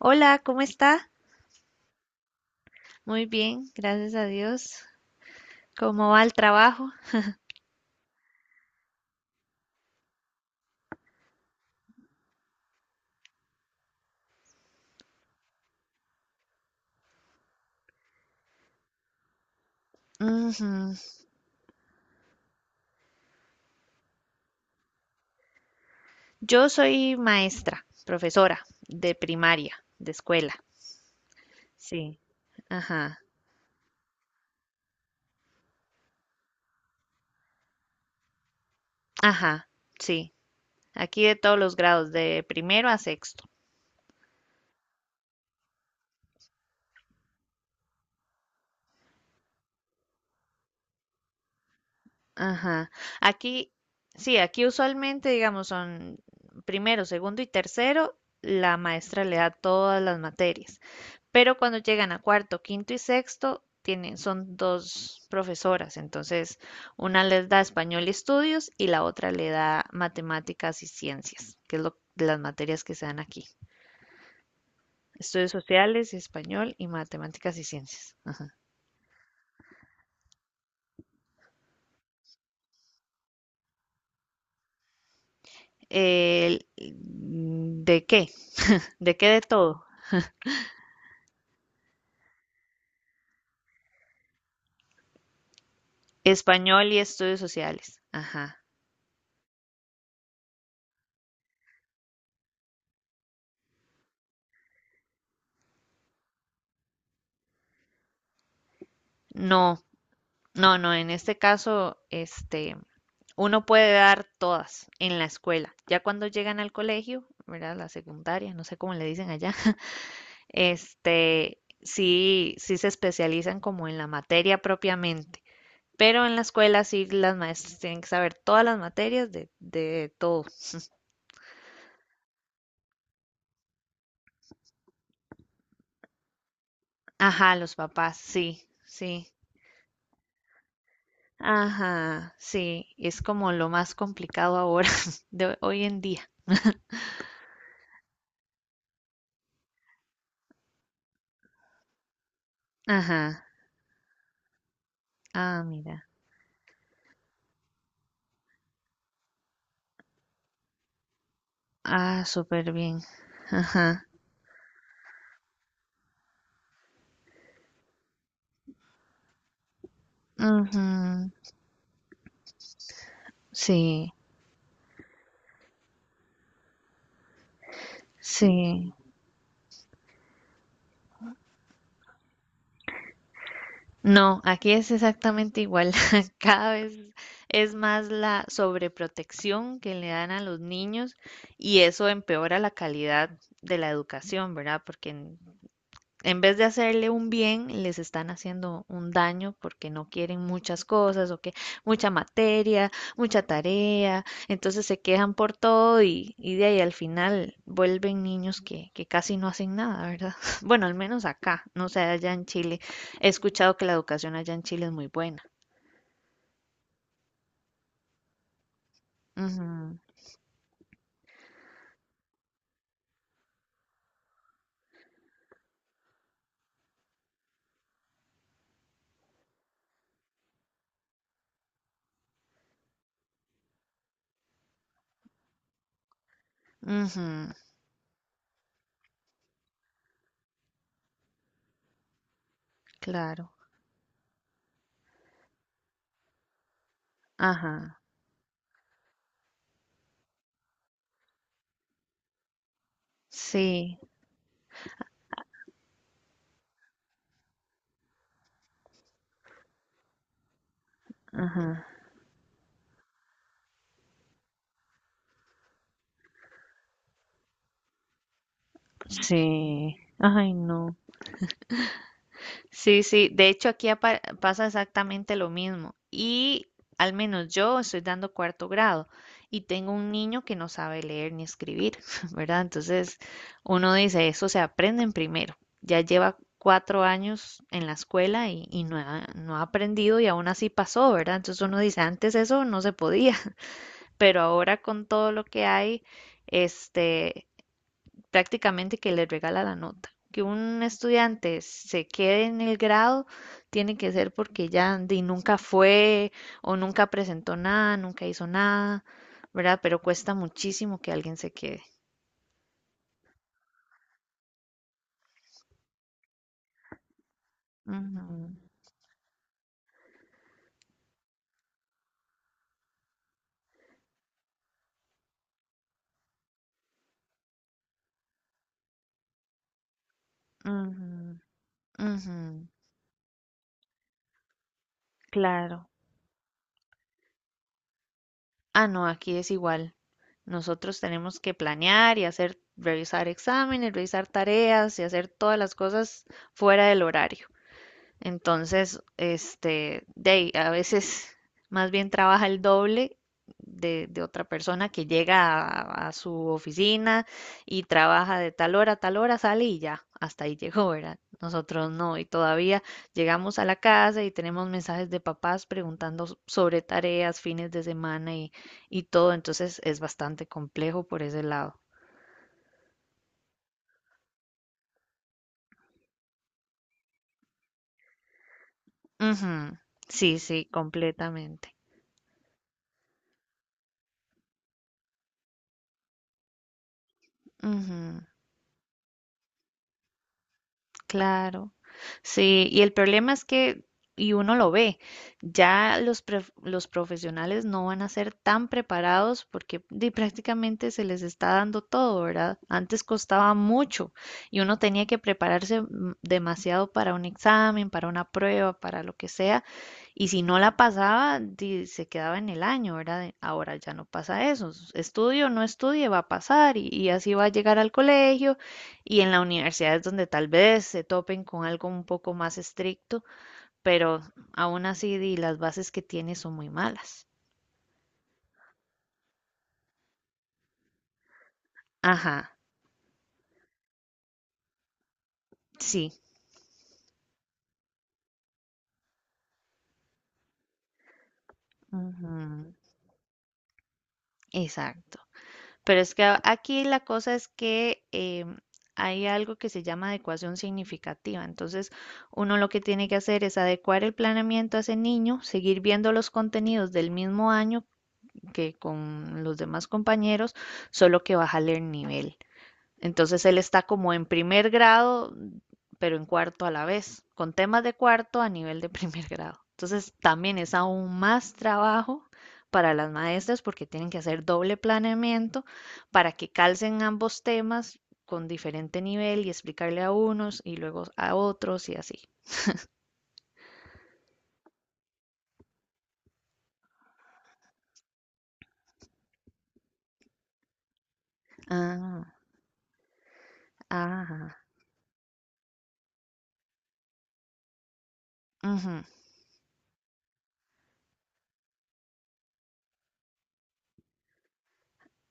Hola, ¿cómo está? Muy bien, gracias a Dios. ¿Cómo va el trabajo? Ujú. Yo soy maestra, profesora de primaria, de escuela. Sí. Ajá. Ajá. Sí. Aquí de todos los grados, de primero a sexto. Ajá. Aquí, sí, aquí usualmente, digamos, son primero, segundo y tercero, la maestra le da todas las materias. Pero cuando llegan a cuarto, quinto y sexto, tienen, son dos profesoras, entonces una les da español y estudios y la otra le da matemáticas y ciencias, que es lo, de las materias que se dan aquí. Estudios sociales, español y matemáticas y ciencias. Ajá. ¿De qué? ¿De qué de todo? Español y estudios sociales. Ajá. No, no, no, en este caso, este, uno puede dar todas en la escuela. Ya cuando llegan al colegio, ¿verdad? La secundaria, no sé cómo le dicen allá, este, sí se especializan como en la materia propiamente. Pero en la escuela sí las maestras tienen que saber todas las materias de todo. Ajá, los papás, sí, sí. Ajá, sí, es como lo más complicado ahora, de hoy en día. Ajá, ah, mira. Ah, súper bien. Ajá. Ujú. Sí, sí. No, aquí es exactamente igual. Cada vez es más la sobreprotección que le dan a los niños y eso empeora la calidad de la educación, ¿verdad? Porque en vez de hacerle un bien, les están haciendo un daño porque no quieren muchas cosas o que mucha materia, mucha tarea, entonces se quejan por todo y de ahí al final vuelven niños que casi no hacen nada, ¿verdad? Bueno, al menos acá, no sé, allá en Chile. He escuchado que la educación allá en Chile es muy buena. Ujú, ujú, claro. Ajá. Sí, ajá. Sí. Ay, no. Sí, sí, de hecho aquí pasa exactamente lo mismo y al menos yo estoy dando cuarto grado y tengo un niño que no sabe leer ni escribir, ¿verdad? Entonces uno dice, eso se aprende en primero, ya lleva cuatro años en la escuela y no ha aprendido y aún así pasó, ¿verdad? Entonces uno dice, antes eso no se podía, pero ahora con todo lo que hay, este, prácticamente que le regala la nota. Que un estudiante se quede en el grado tiene que ser porque ya di, nunca fue o nunca presentó nada, nunca hizo nada, ¿verdad? Pero cuesta muchísimo que alguien se quede. Ujú, ujú, ujú, claro. Ah, no, aquí es igual. Nosotros tenemos que planear y hacer, revisar exámenes, revisar tareas y hacer todas las cosas fuera del horario. Entonces, este, de ahí, a veces más bien trabaja el doble de otra persona que llega a su oficina y trabaja de tal hora a tal hora, sale y ya, hasta ahí llegó, ¿verdad? Nosotros no, y todavía llegamos a la casa y tenemos mensajes de papás preguntando sobre tareas, fines de semana y todo, entonces es bastante complejo por ese lado. Ujú, sí, sí, completamente. Claro, sí, y el problema es que, y uno lo ve, ya los, los profesionales no van a ser tan preparados porque di, prácticamente se les está dando todo, ¿verdad? Antes costaba mucho y uno tenía que prepararse demasiado para un examen, para una prueba, para lo que sea, y si no la pasaba, di, se quedaba en el año, ¿verdad? Ahora ya no pasa eso, estudio o no estudie, va a pasar y así va a llegar al colegio y en la universidad es donde tal vez se topen con algo un poco más estricto, pero aún así di, las bases que tiene son muy malas. Ajá, sí, ujú, exacto. Pero es que aquí la cosa es que hay algo que se llama adecuación significativa. Entonces, uno lo que tiene que hacer es adecuar el planeamiento a ese niño, seguir viendo los contenidos del mismo año que con los demás compañeros, solo que bajarle el nivel. Entonces él está como en primer grado, pero en cuarto a la vez, con temas de cuarto a nivel de primer grado. Entonces también es aún más trabajo para las maestras porque tienen que hacer doble planeamiento para que calcen ambos temas con diferente nivel y explicarle a unos y luego a otros y así. Ah, ajá, ujú,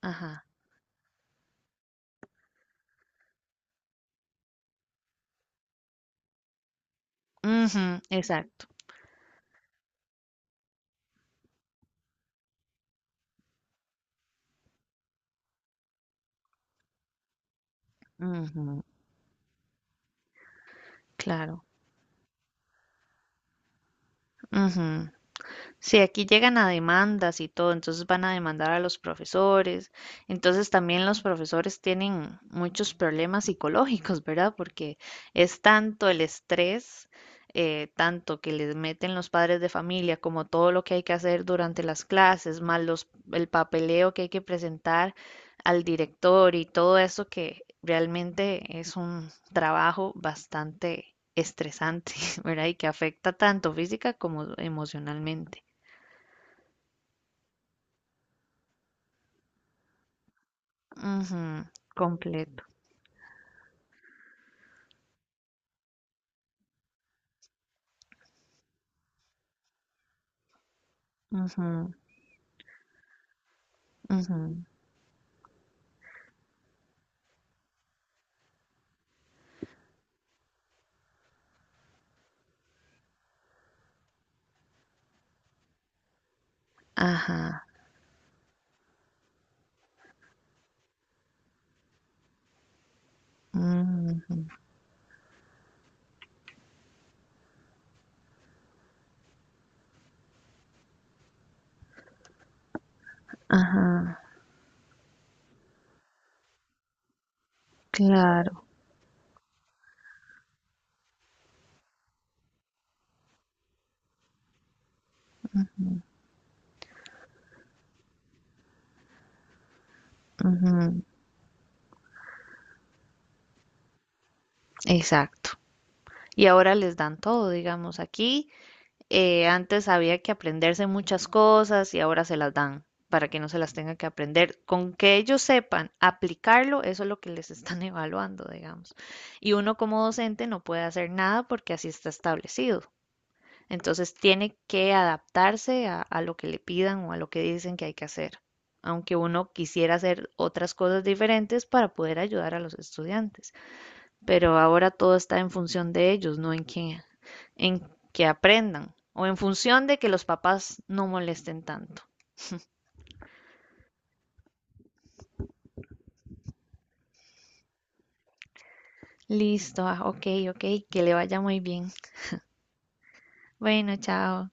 ajá, ujú, exacto, ujú, claro, ujú, sí, aquí llegan a demandas y todo, entonces van a demandar a los profesores. Entonces también los profesores tienen muchos problemas psicológicos, ¿verdad? Porque es tanto el estrés, tanto que les meten los padres de familia, como todo lo que hay que hacer durante las clases, más los, el papeleo que hay que presentar al director y todo eso que realmente es un trabajo bastante estresante, ¿verdad? Y que afecta tanto física como emocionalmente. Ujú, completo. Ujú, ujú, ajá, ujú, ajá, claro, ujú, exacto. Y ahora les dan todo, digamos, aquí. Antes había que aprenderse muchas cosas y ahora se las dan para que no se las tengan que aprender. Con que ellos sepan aplicarlo, eso es lo que les están evaluando, digamos. Y uno como docente no puede hacer nada porque así está establecido. Entonces tiene que adaptarse a lo que le pidan o a lo que dicen que hay que hacer, aunque uno quisiera hacer otras cosas diferentes para poder ayudar a los estudiantes. Pero ahora todo está en función de ellos, no en que, en que aprendan o en función de que los papás no molesten tanto. Listo, ah, ok, ok, que le vaya muy bien. Bueno, chao.